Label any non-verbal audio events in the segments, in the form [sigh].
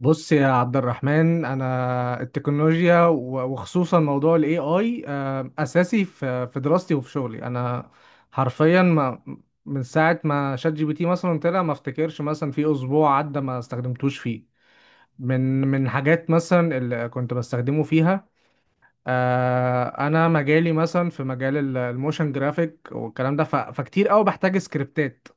بص يا عبد الرحمن، انا التكنولوجيا وخصوصا موضوع الاي اي اساسي في دراستي وفي شغلي. انا حرفيا، ما من ساعه ما شات جي بي تي مثلا طلع ما افتكرش مثلا في اسبوع عدى ما استخدمتوش فيه من حاجات مثلا اللي كنت بستخدمه فيها. انا مجالي مثلا في مجال الموشن جرافيك والكلام ده، فكتير قوي بحتاج سكريبتات.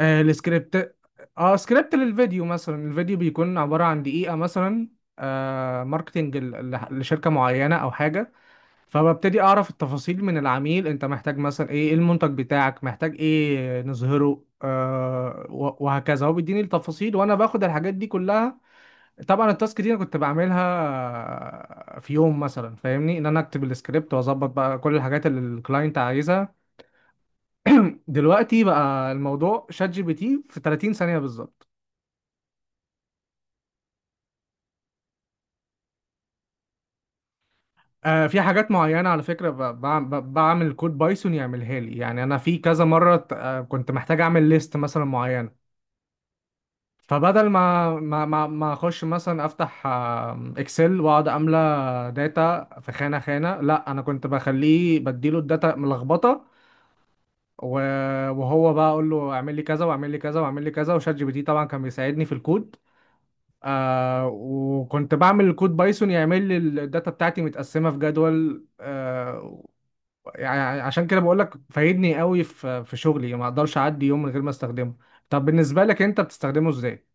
آه السكريبت اه سكريبت للفيديو مثلا. الفيديو بيكون عبارة عن دقيقة مثلا، ماركتينج لشركة معينة او حاجة. فببتدي اعرف التفاصيل من العميل: انت محتاج مثلا إيه المنتج بتاعك؟ محتاج ايه نظهره؟ وهكذا. هو بيديني التفاصيل وانا باخد الحاجات دي كلها. طبعا التاسك دي انا كنت بعملها، في يوم مثلا، فاهمني؟ ان انا اكتب السكريبت واظبط بقى كل الحاجات اللي الكلاينت عايزها. [clears throat] دلوقتي بقى، الموضوع شات جي بي تي في 30 ثانية بالظبط. في حاجات معينة على فكرة، بعمل كود بايثون يعملها لي. يعني أنا في كذا مرة كنت محتاج أعمل ليست مثلا معينة. فبدل ما أخش مثلا أفتح إكسل وأقعد أملى داتا في خانة خانة، لا، أنا كنت بخليه بديله الداتا ملخبطة. وهو بقى أقول له أعمل لي كذا وأعمل لي كذا وأعمل لي كذا، وشات جي بي تي طبعا كان بيساعدني في الكود. وكنت بعمل الكود بايثون يعمل لي الداتا بتاعتي متقسمة في جدول. يعني عشان كده بقول لك فايدني قوي في شغلي، ما اقدرش اعدي يوم من غير ما استخدمه. طب بالنسبة لك انت بتستخدمه ازاي؟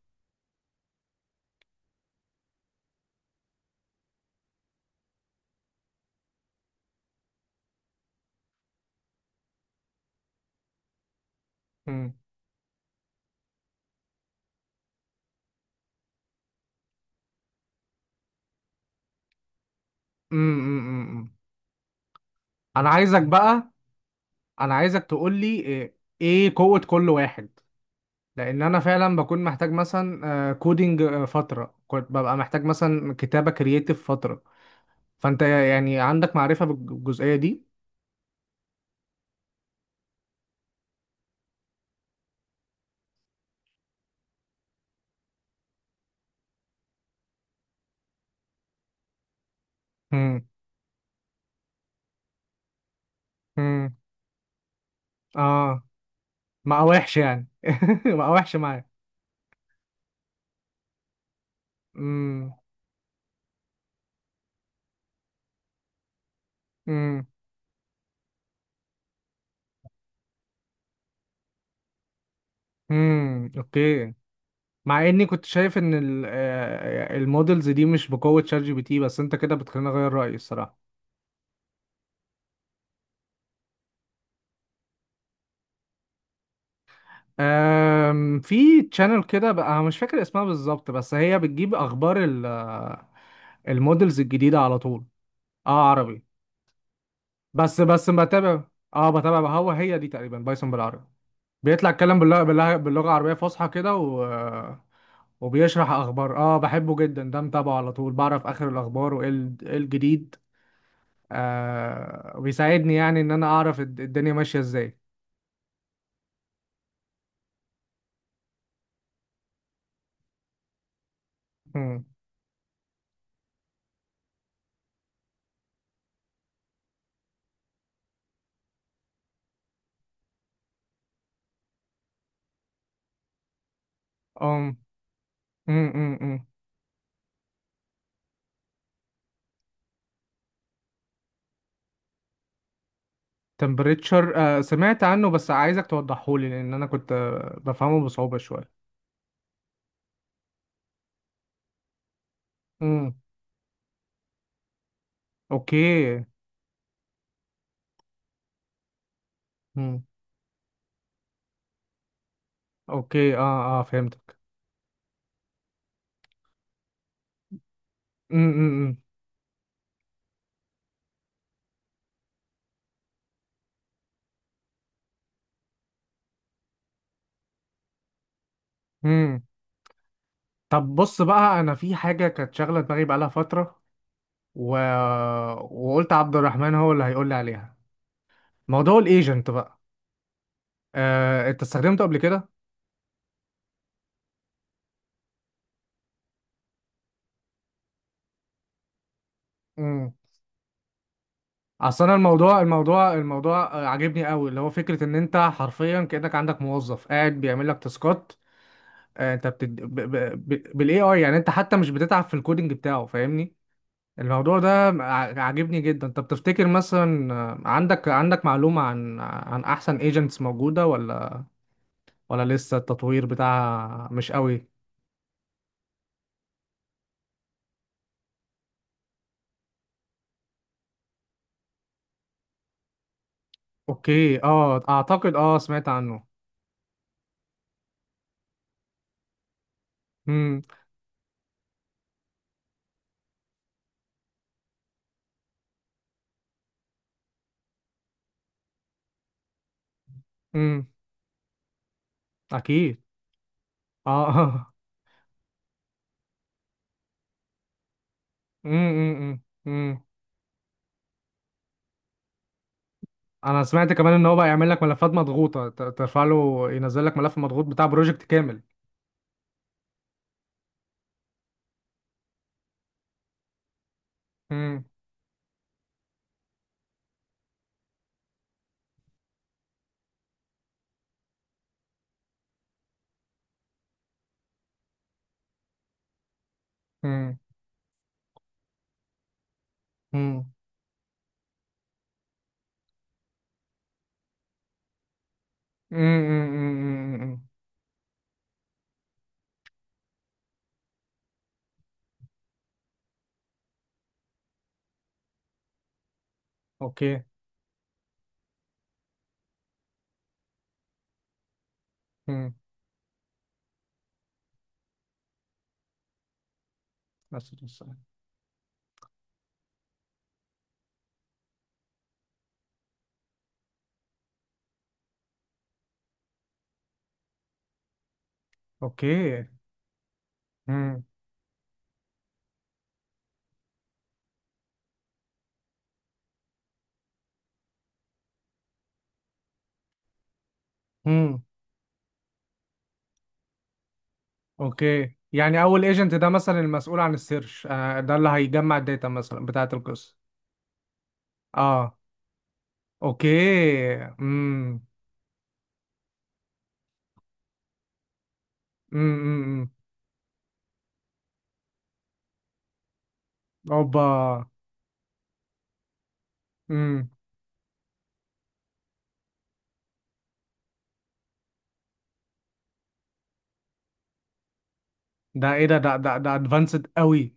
مم. أمم. انا عايزك بقى انا عايزك تقول لي إيه قوة كل واحد. لان انا فعلا بكون محتاج مثلا كودينج، فترة كنت ببقى محتاج مثلا كتابة كرييتيف فترة. فانت يعني عندك معرفة بالجزئية دي؟ مم. اه، مع وحش يعني. [laughs] مع وحش معايا. امم. امم. امم. اوكي. مع اني كنت شايف ان المودلز دي مش بقوة شات جي بي تي، بس انت كده بتخليني اغير رأيي الصراحة. في تشانل كده بقى، أنا مش فاكر اسمها بالظبط، بس هي بتجيب اخبار المودلز الجديدة على طول. اه، عربي. بس بتابع. اه، بتابع بقى. هو هي دي تقريبا بايثون بالعربي. بيطلع يتكلم باللغة العربية فصحى كده. وبيشرح اخبار، بحبه جدا ده، متابعه على طول، بعرف اخر الاخبار وايه إيه الجديد. وبيساعدني يعني ان انا اعرف الدنيا ماشيه ازاي. امم. ام. امم. تمبريتشر، سمعت عنه، بس عايزك توضحه لي. لان انا كنت بفهمه بصعوبه شويه. امم. اوكي. امم. اوكي. اه، اه، فهمتك. امم. امم. طب بص بقى، انا في حاجه كانت شاغله دماغي بقالها فتره و... وقلت عبد الرحمن هو اللي هيقول لي عليها. موضوع الايجنت بقى. انت استخدمته قبل كده؟ امم. اصل انا، الموضوع عاجبني قوي، اللي هو فكره ان انت حرفيا كانك عندك موظف قاعد بيعمل لك تاسكات. انت بتد... ب... ب... ب... بالاي اي، يعني انت حتى مش بتتعب في الكودينج بتاعه، فاهمني؟ الموضوع ده عاجبني جدا. طب تفتكر مثلا، عندك معلومه عن احسن ايجنتس موجوده، ولا لسه التطوير بتاعها مش قوي؟ اوكي، اعتقد سمعت عنه. امم. امم. اكيد. اه. [laughs] امم. امم. انا سمعت كمان ان هو بقى يعمل لك ملفات مضغوطه، ترفع له ينزل لك ملف مضغوط بتاع بروجكت كامل. امم. امم. امم. امم. اوكي. امم. بس بس- اوكي. امم. امم. اوكي، يعني اول ايجنت ده مثلا المسؤول عن السيرش، ده اللي هيجمع الداتا مثلا بتاعه القصه. اه. اوكي. امم. امم. اوبا. امم. ده ايه؟ ده ادفانسد قوي.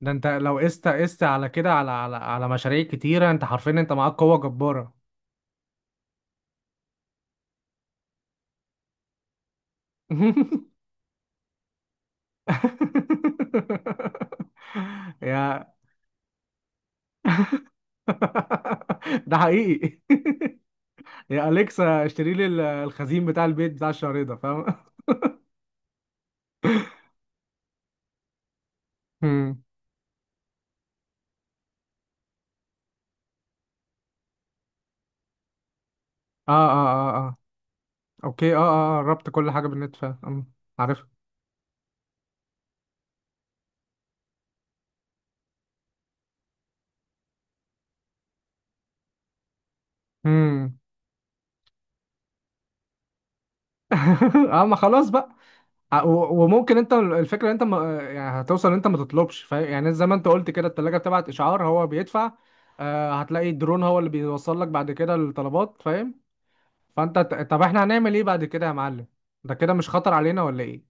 ده انت لو قست على كده، على مشاريع كتيرة، انت حرفيا انت معاك قوة جبارة. [laughs] يا. [laughs] ده حقيقي. [laughs] يا أليكسا، اشتري لي الخزين بتاع البيت بتاع الشهر ده، فاهم؟ [laughs] مم. اه، اه، اه، اه، اوكي. اه، اه، ربط كل حاجة بالنت، فاهم. عارف. مم. [laughs] اه، ما خلاص بقى. وممكن انت، الفكره انت ما يعني، هتوصل انت ما تطلبش، فاهم؟ يعني زي ما انت قلت كده، التلاجة بتبعت اشعار، هو بيدفع. هتلاقي الدرون هو اللي بيوصل لك بعد كده الطلبات، فاهم؟ فانت طب احنا هنعمل ايه بعد كده يا معلم؟ ده كده مش خطر علينا ولا ايه؟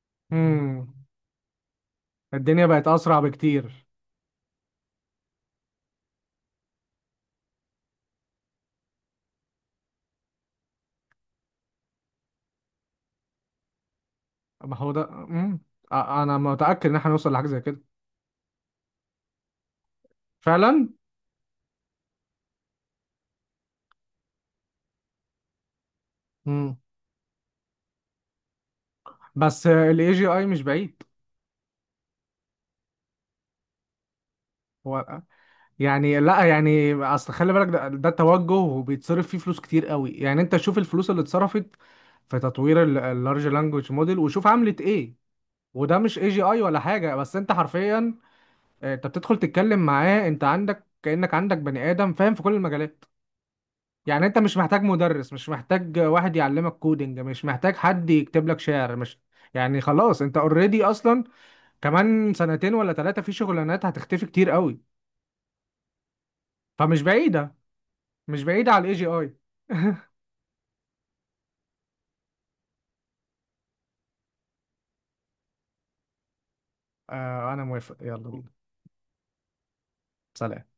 [laughs] امم. الدنيا بقت اسرع بكتير. ما هو ده. امم. انا متاكد ان احنا هنوصل لحاجه زي كده. فعلا. امم. بس الاي جي اي مش بعيد. هو يعني، لا يعني، اصل خلي بالك، ده توجه وبيتصرف فيه فلوس كتير قوي. يعني انت شوف الفلوس اللي اتصرفت في تطوير اللارج لانجوج موديل وشوف عملت ايه. وده مش اي جي اي ولا حاجه، بس انت حرفيا، انت بتدخل تتكلم معاه، انت عندك كانك عندك بني ادم فاهم في كل المجالات. يعني انت مش محتاج مدرس، مش محتاج واحد يعلمك كودينج، مش محتاج حد يكتب لك شعر، مش يعني خلاص، انت اوريدي اصلا. كمان سنتين ولا ثلاثه، في شغلانات هتختفي كتير قوي. فمش بعيده، مش بعيد على الاي جي اي. [laughs] آه انا موافق، يلا بينا. سلام.